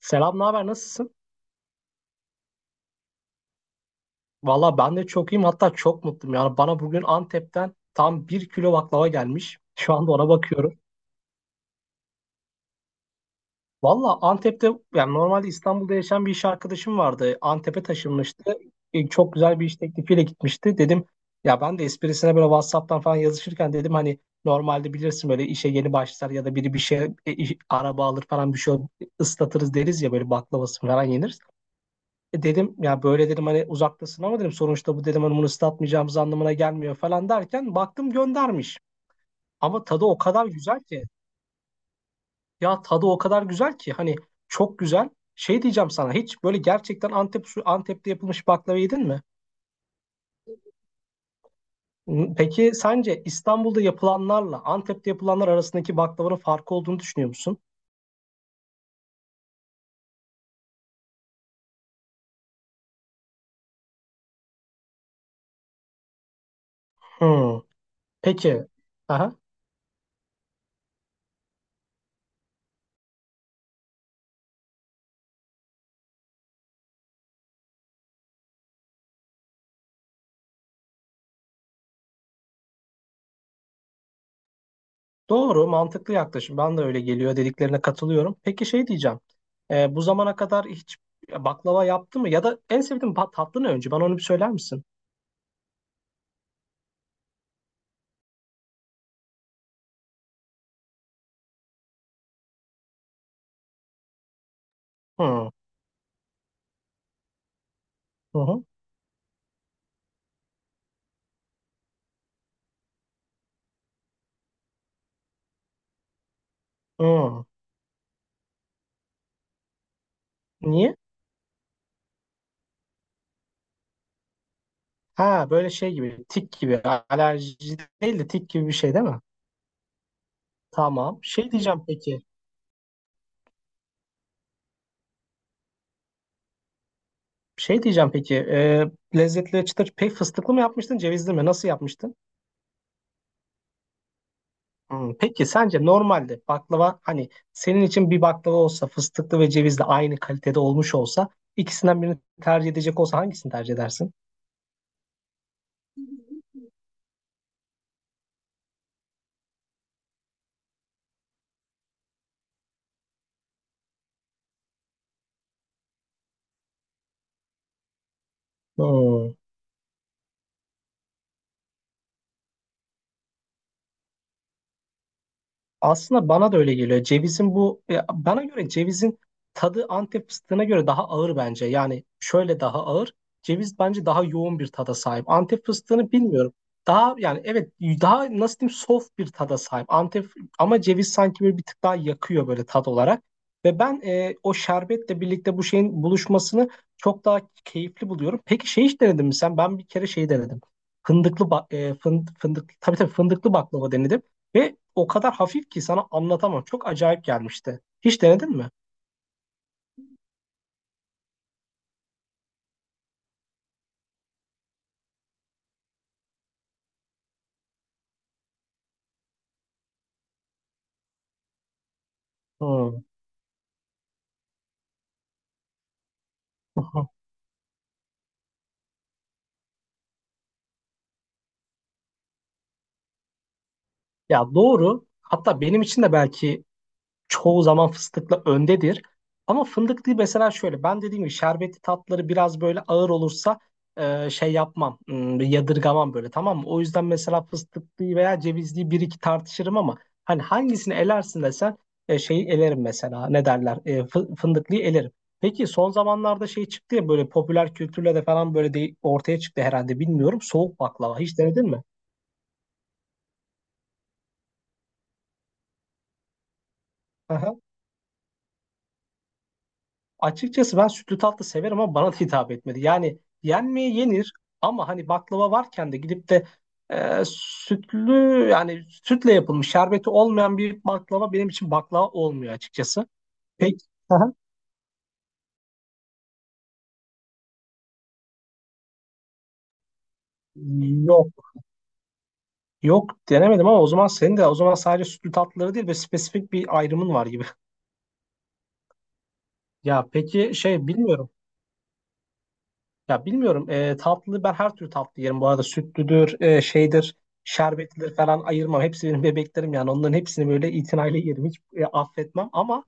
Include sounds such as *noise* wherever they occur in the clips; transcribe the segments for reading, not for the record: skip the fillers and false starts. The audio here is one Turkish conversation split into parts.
Selam, ne haber? Nasılsın? Valla ben de çok iyiyim. Hatta çok mutluyum. Yani bana bugün Antep'ten tam bir kilo baklava gelmiş. *laughs* Şu anda ona bakıyorum. Valla Antep'te yani normalde İstanbul'da yaşayan bir iş arkadaşım vardı. Antep'e taşınmıştı. Çok güzel bir iş teklifiyle gitmişti. Dedim ya, ben de esprisine böyle WhatsApp'tan falan yazışırken dedim hani normalde bilirsin böyle işe yeni başlar ya da biri bir şey araba alır falan bir şey, ıslatırız deriz ya, böyle baklavası falan yenir. E dedim ya, böyle dedim hani uzaktasın ama, dedim sonuçta bu, dedim hani bunu ıslatmayacağımız anlamına gelmiyor falan derken baktım göndermiş. Ama tadı o kadar güzel ki, ya tadı o kadar güzel ki hani, çok güzel. Şey diyeceğim, sana hiç böyle gerçekten Antep'te yapılmış baklava yedin mi? Peki sence İstanbul'da yapılanlarla Antep'te yapılanlar arasındaki baklavanın farkı olduğunu düşünüyor musun? Hmm. Peki. Aha. Doğru, mantıklı yaklaşım. Ben de öyle geliyor dediklerine katılıyorum. Peki şey diyeceğim. Bu zamana kadar hiç baklava yaptı mı? Ya da en sevdiğin tatlı ne önce? Bana onu bir söyler misin? Hı, hı, hı. Hı. Niye? Ha böyle şey gibi, tik gibi. Alerji değil de tik gibi bir şey değil mi? Tamam. Şey diyeceğim peki. Şey diyeceğim peki. Ee, Lezzetli çıtır pek fıstıklı mı yapmıştın, cevizli mi? Nasıl yapmıştın? Hmm. Peki sence normalde baklava hani senin için bir baklava olsa, fıstıklı ve cevizli aynı kalitede olmuş olsa, ikisinden birini tercih edecek olsa hangisini tercih edersin? Hmm. Aslında bana da öyle geliyor. Cevizin bu ya, bana göre cevizin tadı Antep fıstığına göre daha ağır bence. Yani şöyle daha ağır. Ceviz bence daha yoğun bir tada sahip. Antep fıstığını bilmiyorum. Daha, yani evet, daha nasıl diyeyim, soft bir tada sahip. Antep ama, ceviz sanki böyle bir tık daha yakıyor, böyle tat olarak. Ve ben o şerbetle birlikte bu şeyin buluşmasını çok daha keyifli buluyorum. Peki şey, hiç denedin mi sen? Ben bir kere şey denedim. Fındık, tabii tabii, fındıklı baklava denedim. Ve o kadar hafif ki sana anlatamam. Çok acayip gelmişti. Hiç denedin mi? Hmm. *laughs* Ya doğru. Hatta benim için de belki çoğu zaman fıstıkla öndedir. Ama fındıklı mesela, şöyle ben dediğim gibi şerbetli tatları biraz böyle ağır olursa, şey yapmam, yadırgamam böyle, tamam mı? O yüzden mesela fıstıklıyı veya cevizliyi bir iki tartışırım ama, hani hangisini elersin desen, şeyi elerim mesela, ne derler, fındıklıyı elerim. Peki son zamanlarda şey çıktı ya, böyle popüler kültürle de falan böyle de ortaya çıktı herhalde, bilmiyorum, soğuk baklava hiç denedin mi? Aha. Açıkçası ben sütlü tatlı severim ama bana da hitap etmedi. Yani yenmeye yenir ama hani baklava varken de gidip de sütlü, yani sütle yapılmış şerbeti olmayan bir baklava benim için baklava olmuyor açıkçası. Peki. Aha. Yok. Yok, denemedim, ama o zaman senin de o zaman sadece sütlü tatlıları değil ve spesifik bir ayrımın var gibi. *laughs* Ya peki şey, bilmiyorum. Ya bilmiyorum. Tatlı ben her türlü tatlı yerim bu arada. Sütlüdür, şeydir, şerbetlidir falan, ayırmam. Hepsi benim bebeklerim yani. Onların hepsini böyle itinayla yerim. Hiç affetmem ama,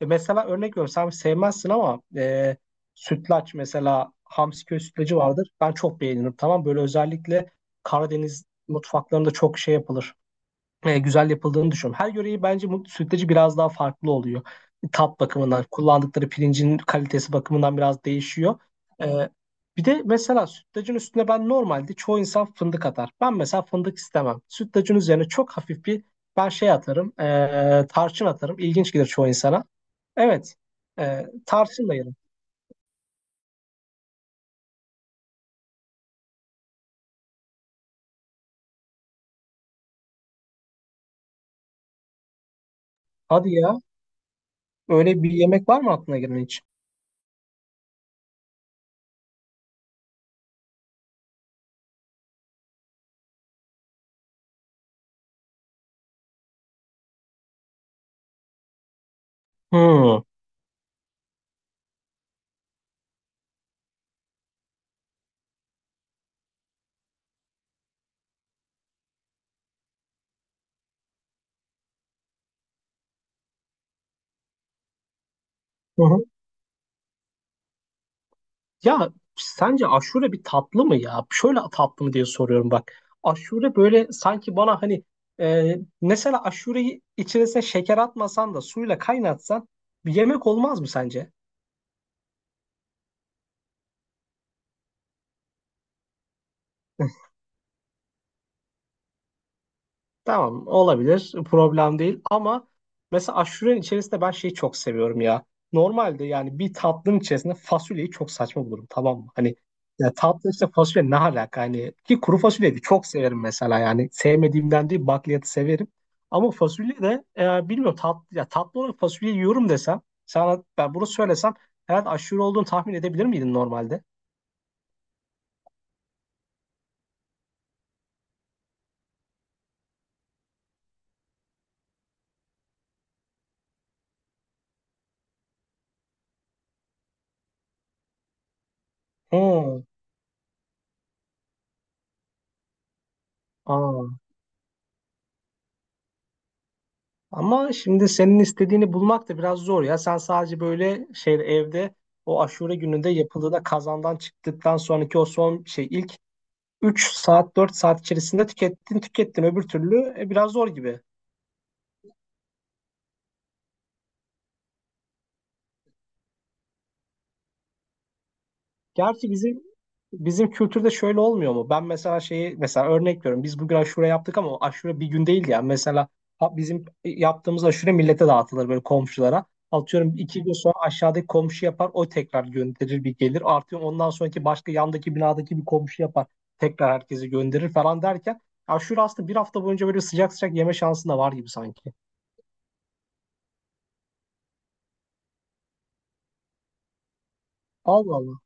mesela örnek veriyorum. Sen sevmezsin ama, sütlaç mesela, Hamsi köy sütlacı vardır. Ben çok beğenirim. Tamam, böyle özellikle Karadeniz mutfaklarında çok şey yapılır, güzel yapıldığını düşünüyorum. Her yöreyi bence bu sütlacı biraz daha farklı oluyor. Tat bakımından, kullandıkları pirincin kalitesi bakımından biraz değişiyor. E, Bir de mesela sütlacın üstüne, ben normalde, çoğu insan fındık atar. Ben mesela fındık istemem. Sütlacın üzerine çok hafif bir, ben şey atarım, tarçın atarım. İlginç gelir çoğu insana. Evet, tarçınla yerim. Hadi ya, öyle bir yemek var mı aklına gelen hiç? Hmm. Hı hı. Ya sence aşure bir tatlı mı ya? Şöyle tatlı mı diye soruyorum bak. Aşure böyle sanki bana hani, e, mesela aşureyi içerisine şeker atmasan da suyla kaynatsan bir yemek olmaz mı sence? *laughs* Tamam, olabilir. Problem değil ama mesela aşurenin içerisinde ben şeyi çok seviyorum ya. Normalde yani bir tatlının içerisinde fasulyeyi çok saçma bulurum, tamam mı? Hani ya, tatlı işte fasulye ne alaka? Hani ki kuru fasulyeyi de çok severim mesela yani. Sevmediğimden değil, bakliyatı severim. Ama fasulye de, bilmiyorum tatlı, ya tatlı olarak fasulye yiyorum desem, sana ben bunu söylesem, herhalde aşure olduğunu tahmin edebilir miydin normalde? Hmm. Aa. Ama şimdi senin istediğini bulmak da biraz zor ya. Sen sadece böyle şey evde, o aşure gününde yapıldığında kazandan çıktıktan sonraki o son şey, ilk 3 saat 4 saat içerisinde tükettin öbür türlü biraz zor gibi. Gerçi bizim Bizim kültürde şöyle olmuyor mu? Ben mesela şeyi, mesela örnek veriyorum. Biz bugün aşure yaptık ama o aşure bir gün değil yani. Mesela bizim yaptığımız aşure millete dağıtılır, böyle komşulara. Atıyorum iki gün sonra aşağıdaki komşu yapar. O tekrar gönderir, bir gelir. Artıyor, ondan sonraki başka yandaki binadaki bir komşu yapar. Tekrar herkese gönderir falan derken. Aşure aslında bir hafta boyunca böyle sıcak sıcak yeme şansın da var gibi sanki. Allah Allah.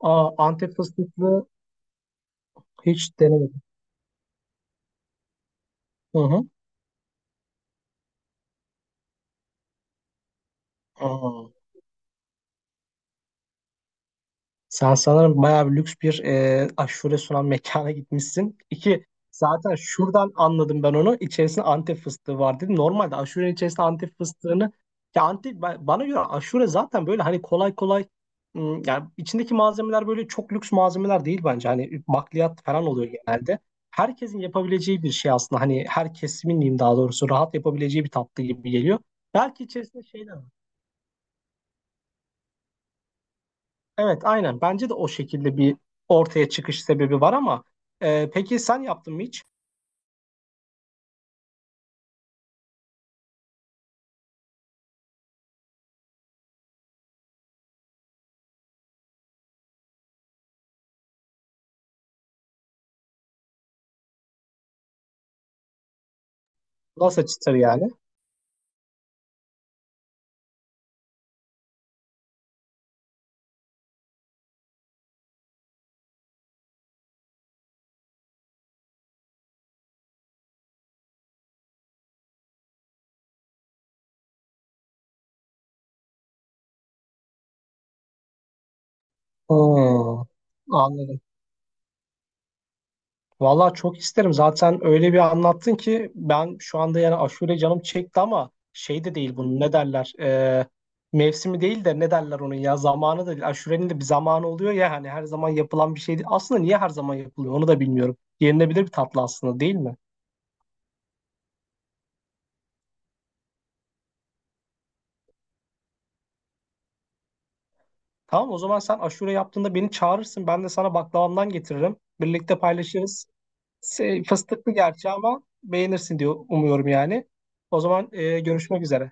Aa, Antep fıstıklı hiç denemedim. Hı hı. Aa. Sen sanırım bayağı bir lüks bir aşure sunan mekana gitmişsin. İki, zaten şuradan anladım ben onu. İçerisinde Antep fıstığı var dedim. Normalde aşurenin içerisinde Antep fıstığını, bana göre aşure zaten böyle hani kolay kolay, yani içindeki malzemeler böyle çok lüks malzemeler değil bence. Hani bakliyat falan oluyor genelde. Herkesin yapabileceği bir şey aslında. Hani her kesimin diyeyim, daha doğrusu rahat yapabileceği bir tatlı gibi geliyor. Belki içerisinde şeyler var. Evet, aynen. Bence de o şekilde bir ortaya çıkış sebebi var ama, peki sen yaptın mı hiç? Nasıl çıtır yani? Hmm, anladım. Vallahi çok isterim. Zaten öyle bir anlattın ki ben şu anda, yani aşure canım çekti ama şey de değil bunun, ne derler? Mevsimi değil de ne derler onun, ya zamanı da değil. Aşurenin de bir zamanı oluyor ya hani, her zaman yapılan bir şey değil. Aslında niye her zaman yapılıyor onu da bilmiyorum. Yenilebilir bir tatlı aslında değil mi? Tamam, o zaman sen aşure yaptığında beni çağırırsın. Ben de sana baklavamdan getiririm. Birlikte paylaşırız. Fıstıklı gerçi ama beğenirsin diyor, umuyorum yani. O zaman görüşmek üzere.